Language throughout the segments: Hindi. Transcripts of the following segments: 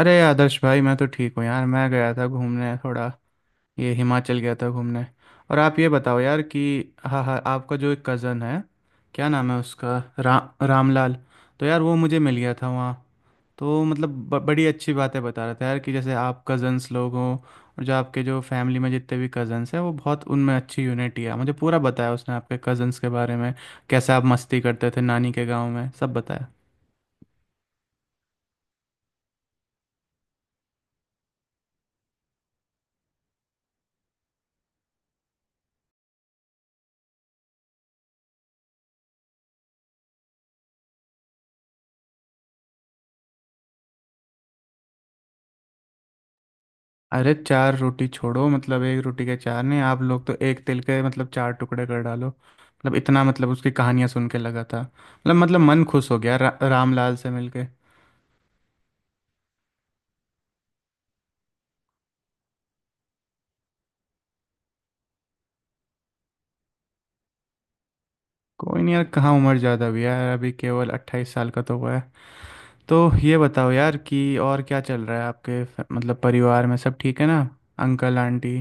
अरे आदर्श भाई, मैं तो ठीक हूँ यार। मैं गया था घूमने थोड़ा, ये हिमाचल गया था घूमने। और आप ये बताओ यार कि, हाँ हाँ, आपका जो एक कज़न है, क्या नाम है उसका, रामलाल। तो यार वो मुझे मिल गया था वहाँ। तो मतलब बड़ी अच्छी बातें बता रहा था यार कि जैसे आप कज़न्स लोग हों, और जो आपके जो फैमिली में जितने भी कज़न्स हैं वो, बहुत उनमें अच्छी यूनिटी है। मुझे पूरा बताया उसने आपके कज़न्स के बारे में, कैसे आप मस्ती करते थे नानी के गाँव में, सब बताया। अरे चार रोटी छोड़ो, मतलब एक रोटी के चार नहीं, आप लोग तो एक तिल के मतलब चार टुकड़े कर डालो। मतलब इतना, मतलब उसकी कहानियां सुन के लगा था, मतलब मन खुश हो गया रामलाल से मिलके। कोई नहीं यार, कहाँ उम्र ज़्यादा हुई है यार, अभी केवल 28 साल का तो हुआ है। तो ये बताओ यार कि, और क्या चल रहा है आपके मतलब परिवार में, सब ठीक है ना, अंकल आंटी।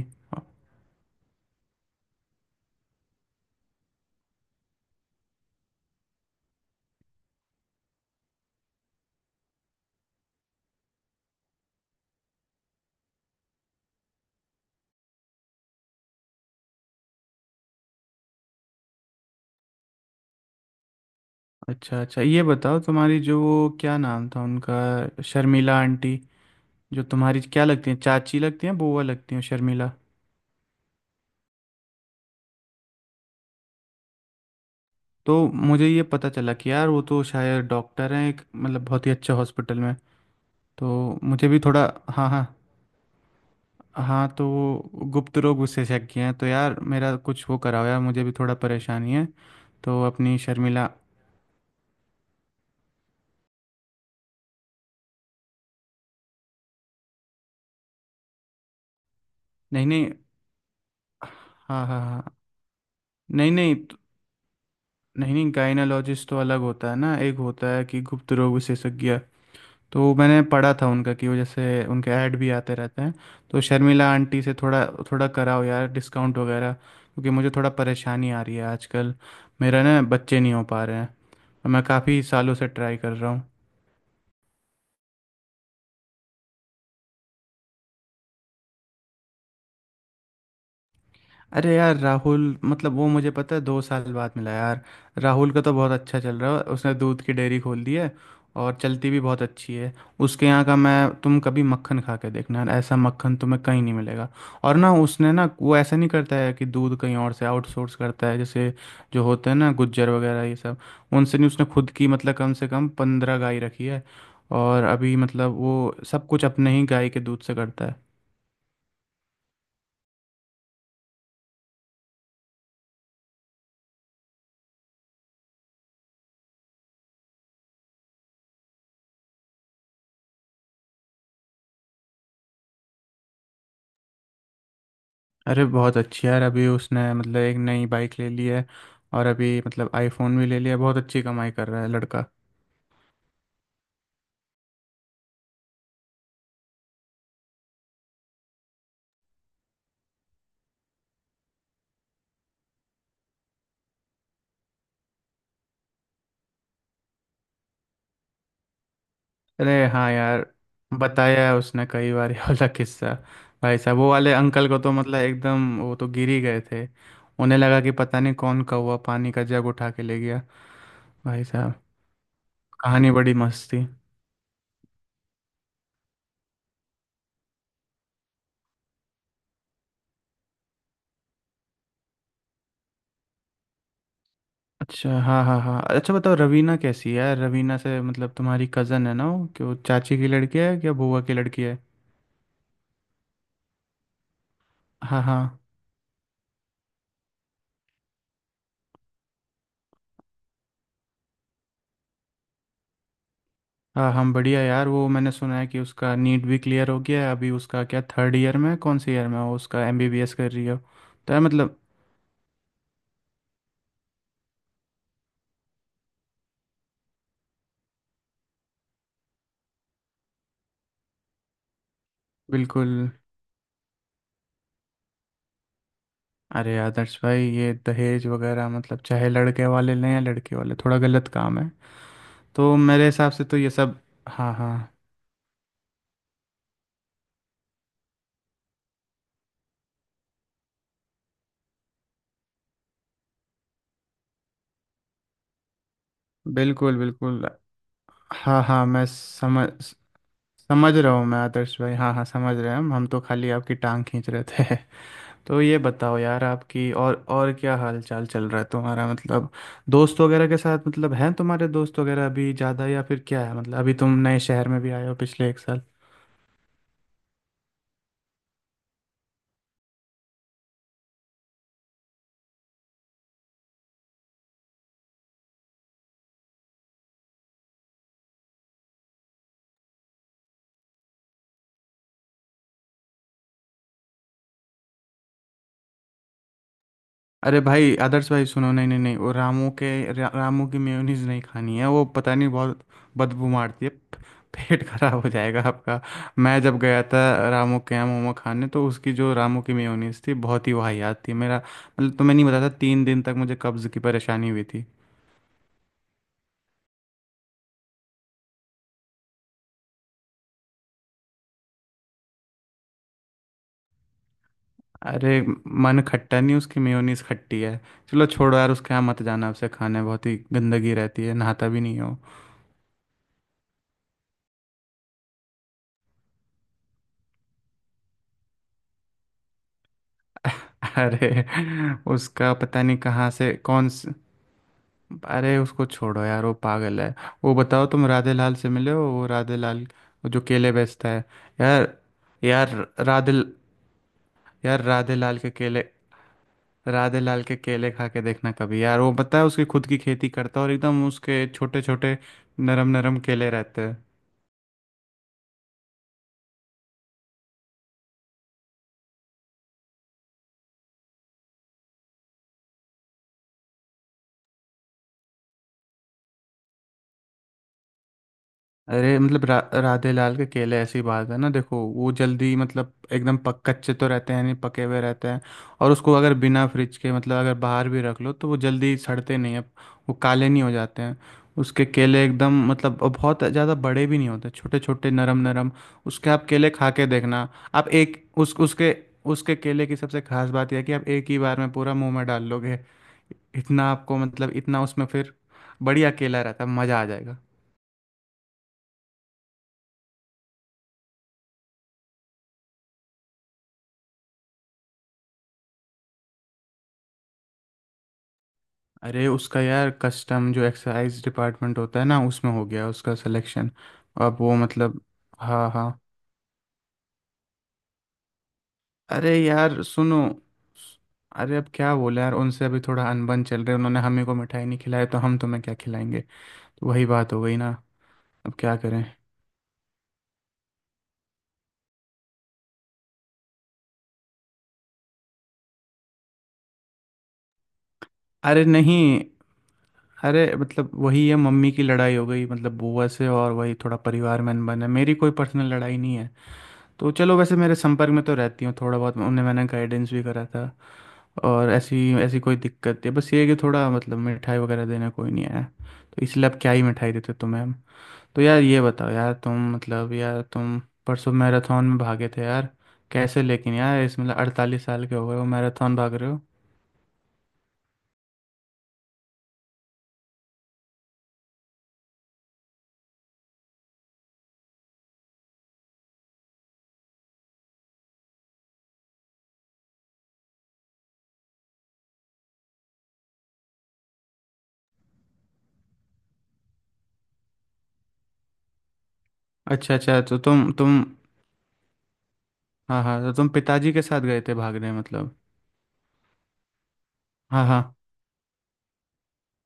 अच्छा अच्छा, ये बताओ तुम्हारी जो वो, क्या नाम था उनका, शर्मिला आंटी, जो तुम्हारी क्या लगती है, चाची लगती हैं, बुआ लगती हैं शर्मिला। तो मुझे ये पता चला कि यार वो तो शायद डॉक्टर हैं एक मतलब बहुत ही अच्छे हॉस्पिटल में। तो मुझे भी थोड़ा, हाँ हाँ, हाँ तो वो गुप्त रोग विशेषज्ञ हैं, तो यार मेरा कुछ वो कराओ यार, मुझे भी थोड़ा परेशानी है। तो अपनी शर्मिला, नहीं नहीं, हाँ हाँ हाँ, नहीं नहीं नहीं नहीं, गायनोलॉजिस्ट तो अलग होता है ना, एक होता है कि गुप्त रोग विशेषज्ञ। तो मैंने पढ़ा था उनका कि वो, जैसे उनके ऐड भी आते रहते हैं, तो शर्मिला आंटी से थोड़ा, थोड़ा कराओ यार डिस्काउंट वगैरह, क्योंकि मुझे थोड़ा परेशानी आ रही है आजकल। मेरा ना बच्चे नहीं हो पा रहे हैं, मैं काफ़ी सालों से ट्राई कर रहा हूँ। अरे यार राहुल, मतलब वो मुझे पता है 2 साल बाद मिला यार। राहुल का तो बहुत अच्छा चल रहा है, उसने दूध की डेयरी खोल दी है, और चलती भी बहुत अच्छी है। उसके यहाँ का, मैं तुम कभी मक्खन खा के देखना यार, ऐसा मक्खन तुम्हें कहीं नहीं मिलेगा। और ना उसने ना, वो ऐसा नहीं करता है कि दूध कहीं और से आउटसोर्स करता है, जैसे जो होते हैं ना गुज्जर वगैरह ये सब, उनसे नहीं। उसने खुद की मतलब कम से कम 15 गाय रखी है, और अभी मतलब वो सब कुछ अपने ही गाय के दूध से करता है। अरे बहुत अच्छी यार, अभी उसने मतलब एक नई बाइक ले ली है, और अभी मतलब आईफोन भी ले लिया, बहुत अच्छी कमाई कर रहा है लड़का। अरे हाँ यार, बताया है उसने कई बार ये वाला किस्सा। भाई साहब वो वाले अंकल को तो मतलब एकदम, वो तो गिर ही गए थे। उन्हें लगा कि पता नहीं कौन कौवा पानी का जग उठा के ले गया। भाई साहब, कहानी बड़ी मस्त थी। अच्छा हाँ हाँ हाँ, अच्छा बताओ रवीना कैसी है यार? रवीना से मतलब, तुम्हारी कज़न है ना वो, कि वो चाची की लड़की है या बुआ की लड़की है। हाँ हाँ, हाँ हम बढ़िया यार, वो मैंने सुना है कि उसका नीट भी क्लियर हो गया है, अभी उसका क्या थर्ड ईयर में है? कौन से ईयर में है वो, उसका एमबीबीएस कर रही हो तो यार मतलब, बिल्कुल। अरे आदर्श भाई, ये दहेज वगैरह मतलब चाहे लड़के वाले लें या लड़के वाले, थोड़ा गलत काम है, तो मेरे हिसाब से तो ये सब, हाँ हाँ, बिल्कुल बिल्कुल, हाँ हाँ, मैं समझ समझ रहा हूँ मैं आदर्श भाई, हाँ हाँ, समझ रहे हैं हम तो खाली आपकी टांग खींच रहे थे। तो ये बताओ यार आपकी और क्या हाल चाल चल रहा है तुम्हारा, मतलब दोस्त वगैरह के साथ, मतलब हैं तुम्हारे दोस्त वगैरह अभी ज़्यादा या फिर क्या है, मतलब अभी तुम नए शहर में भी आए हो पिछले एक साल। अरे भाई आदर्श भाई सुनो, नहीं नहीं नहीं, वो रामू के रामू की मेयोनीज नहीं खानी है, वो पता नहीं बहुत बदबू मारती है, पेट खराब हो जाएगा आपका। मैं जब गया था रामू के यहाँ मोमो खाने, तो उसकी जो रामू की मेयोनीज थी बहुत ही वाहियात थी, मेरा मतलब तुम्हें नहीं बताता, 3 दिन तक मुझे कब्ज़ की परेशानी हुई थी। अरे मन खट्टा नहीं, उसकी मेयोनीज खट्टी है। चलो छोड़ो यार उसके यहाँ मत जाना, उसे खाने बहुत ही गंदगी रहती है, नहाता भी नहीं हो। अरे उसका पता नहीं कहाँ से कौन से, अरे उसको छोड़ो यार, वो पागल है। वो बताओ तुम राधे लाल से मिले हो, वो राधे लाल, वो जो केले बेचता है। यार, यार राधे, यार राधे लाल के केले, राधे लाल के केले खा के देखना कभी यार, वो पता है उसकी खुद की खेती करता है, और एकदम उसके छोटे छोटे नरम नरम केले रहते हैं। अरे मतलब राधे लाल के केले, ऐसी बात है ना देखो, वो जल्दी मतलब एकदम पक कच्चे तो रहते हैं नहीं, पके हुए रहते हैं। और उसको अगर बिना फ्रिज के मतलब अगर बाहर भी रख लो, तो वो जल्दी सड़ते नहीं है, वो काले नहीं हो जाते हैं। उसके केले एकदम, मतलब और बहुत ज़्यादा बड़े भी नहीं होते, छोटे छोटे नरम नरम। उसके आप केले खा के देखना। आप एक उस उसके उसके केले की सबसे खास बात यह है कि आप एक ही बार में पूरा मुंह में डाल लोगे, इतना आपको, मतलब इतना उसमें फिर बढ़िया केला रहता है, मज़ा आ जाएगा। अरे उसका यार कस्टम जो एक्सरसाइज डिपार्टमेंट होता है ना, उसमें हो गया उसका सिलेक्शन। अब वो मतलब, हाँ हाँ, अरे यार सुनो, अरे अब क्या बोले यार उनसे, अभी थोड़ा अनबन चल रहा है, उन्होंने हमें को मिठाई नहीं खिलाई तो हम तुम्हें क्या खिलाएंगे, तो वही बात हो गई ना, अब क्या करें। अरे नहीं, अरे मतलब वही है, मम्मी की लड़ाई हो गई मतलब बुआ से, और वही थोड़ा परिवार में अनबन है, मेरी कोई पर्सनल लड़ाई नहीं है। तो चलो वैसे मेरे संपर्क में तो रहती हूँ थोड़ा बहुत, उन्हें मैंने गाइडेंस भी करा था, और ऐसी ऐसी कोई दिक्कत नहीं है, बस ये है कि थोड़ा मतलब मिठाई वगैरह देना कोई नहीं आया, तो इसलिए अब क्या ही मिठाई देते तुम्हें हम। तो यार ये बताओ यार, तुम मतलब यार तुम परसों मैराथन में भागे थे यार, कैसे लेकिन यार, इसमें 48 साल के हो गए हो मैराथन भाग रहे हो। अच्छा अच्छा तो तुम, हाँ हाँ, तो तुम पिताजी के साथ गए थे भागने मतलब। हाँ हाँ,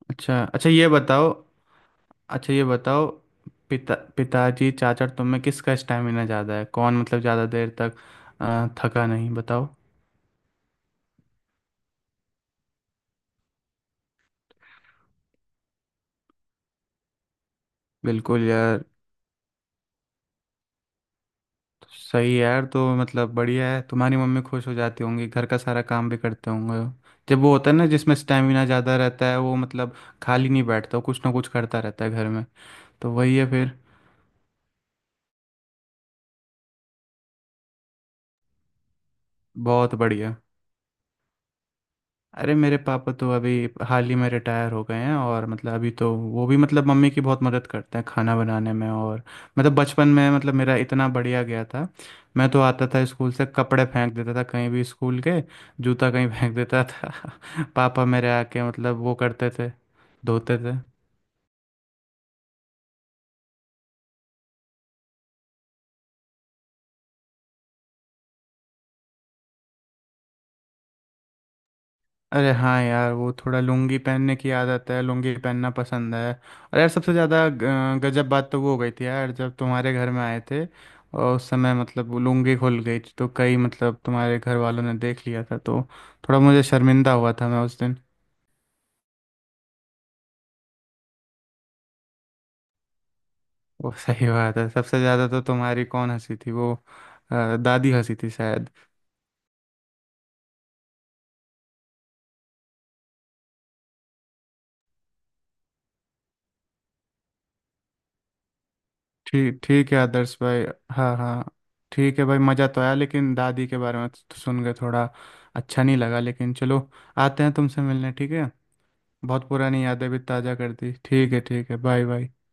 अच्छा अच्छा ये बताओ, अच्छा ये बताओ, पिताजी चाचा और तुम में किसका स्टैमिना ज़्यादा है, कौन मतलब ज़्यादा देर तक थका नहीं, बताओ। बिल्कुल यार, तो सही है यार, तो मतलब बढ़िया है, तुम्हारी मम्मी खुश हो जाती होंगी, घर का सारा काम भी करते होंगे। जब वो होता है ना जिसमें स्टेमिना ज़्यादा रहता है, वो मतलब खाली नहीं बैठता, वो कुछ ना कुछ करता रहता है घर में, तो वही है फिर। बहुत बढ़िया। अरे मेरे पापा तो अभी हाल ही में रिटायर हो गए हैं, और मतलब अभी तो वो भी मतलब मम्मी की बहुत मदद करते हैं खाना बनाने में, और मतलब बचपन में मतलब मेरा इतना बढ़िया गया था, मैं तो आता था स्कूल से कपड़े फेंक देता था कहीं भी, स्कूल के जूता कहीं फेंक देता था पापा मेरे आके मतलब वो करते थे, धोते थे। अरे हाँ यार, वो थोड़ा लुंगी पहनने की आदत है, लुंगी पहनना पसंद है। और यार सबसे ज़्यादा गजब बात तो वो हो गई थी यार जब तुम्हारे घर में आए थे, और उस समय मतलब वो लुंगी खुल गई थी, तो कई मतलब तुम्हारे घर वालों ने देख लिया था, तो थोड़ा मुझे शर्मिंदा हुआ था मैं उस दिन। वो सही बात है, सबसे ज़्यादा तो तुम्हारी कौन हंसी थी वो, दादी हंसी थी शायद। ठीक ठीक है आदर्श भाई, हाँ हाँ, ठीक है भाई, मज़ा तो आया, लेकिन दादी के बारे में तो सुन के थोड़ा अच्छा नहीं लगा, लेकिन चलो, आते हैं तुमसे मिलने, ठीक है। बहुत पुरानी यादें भी ताज़ा कर दी, ठीक है ठीक है, बाय बाय।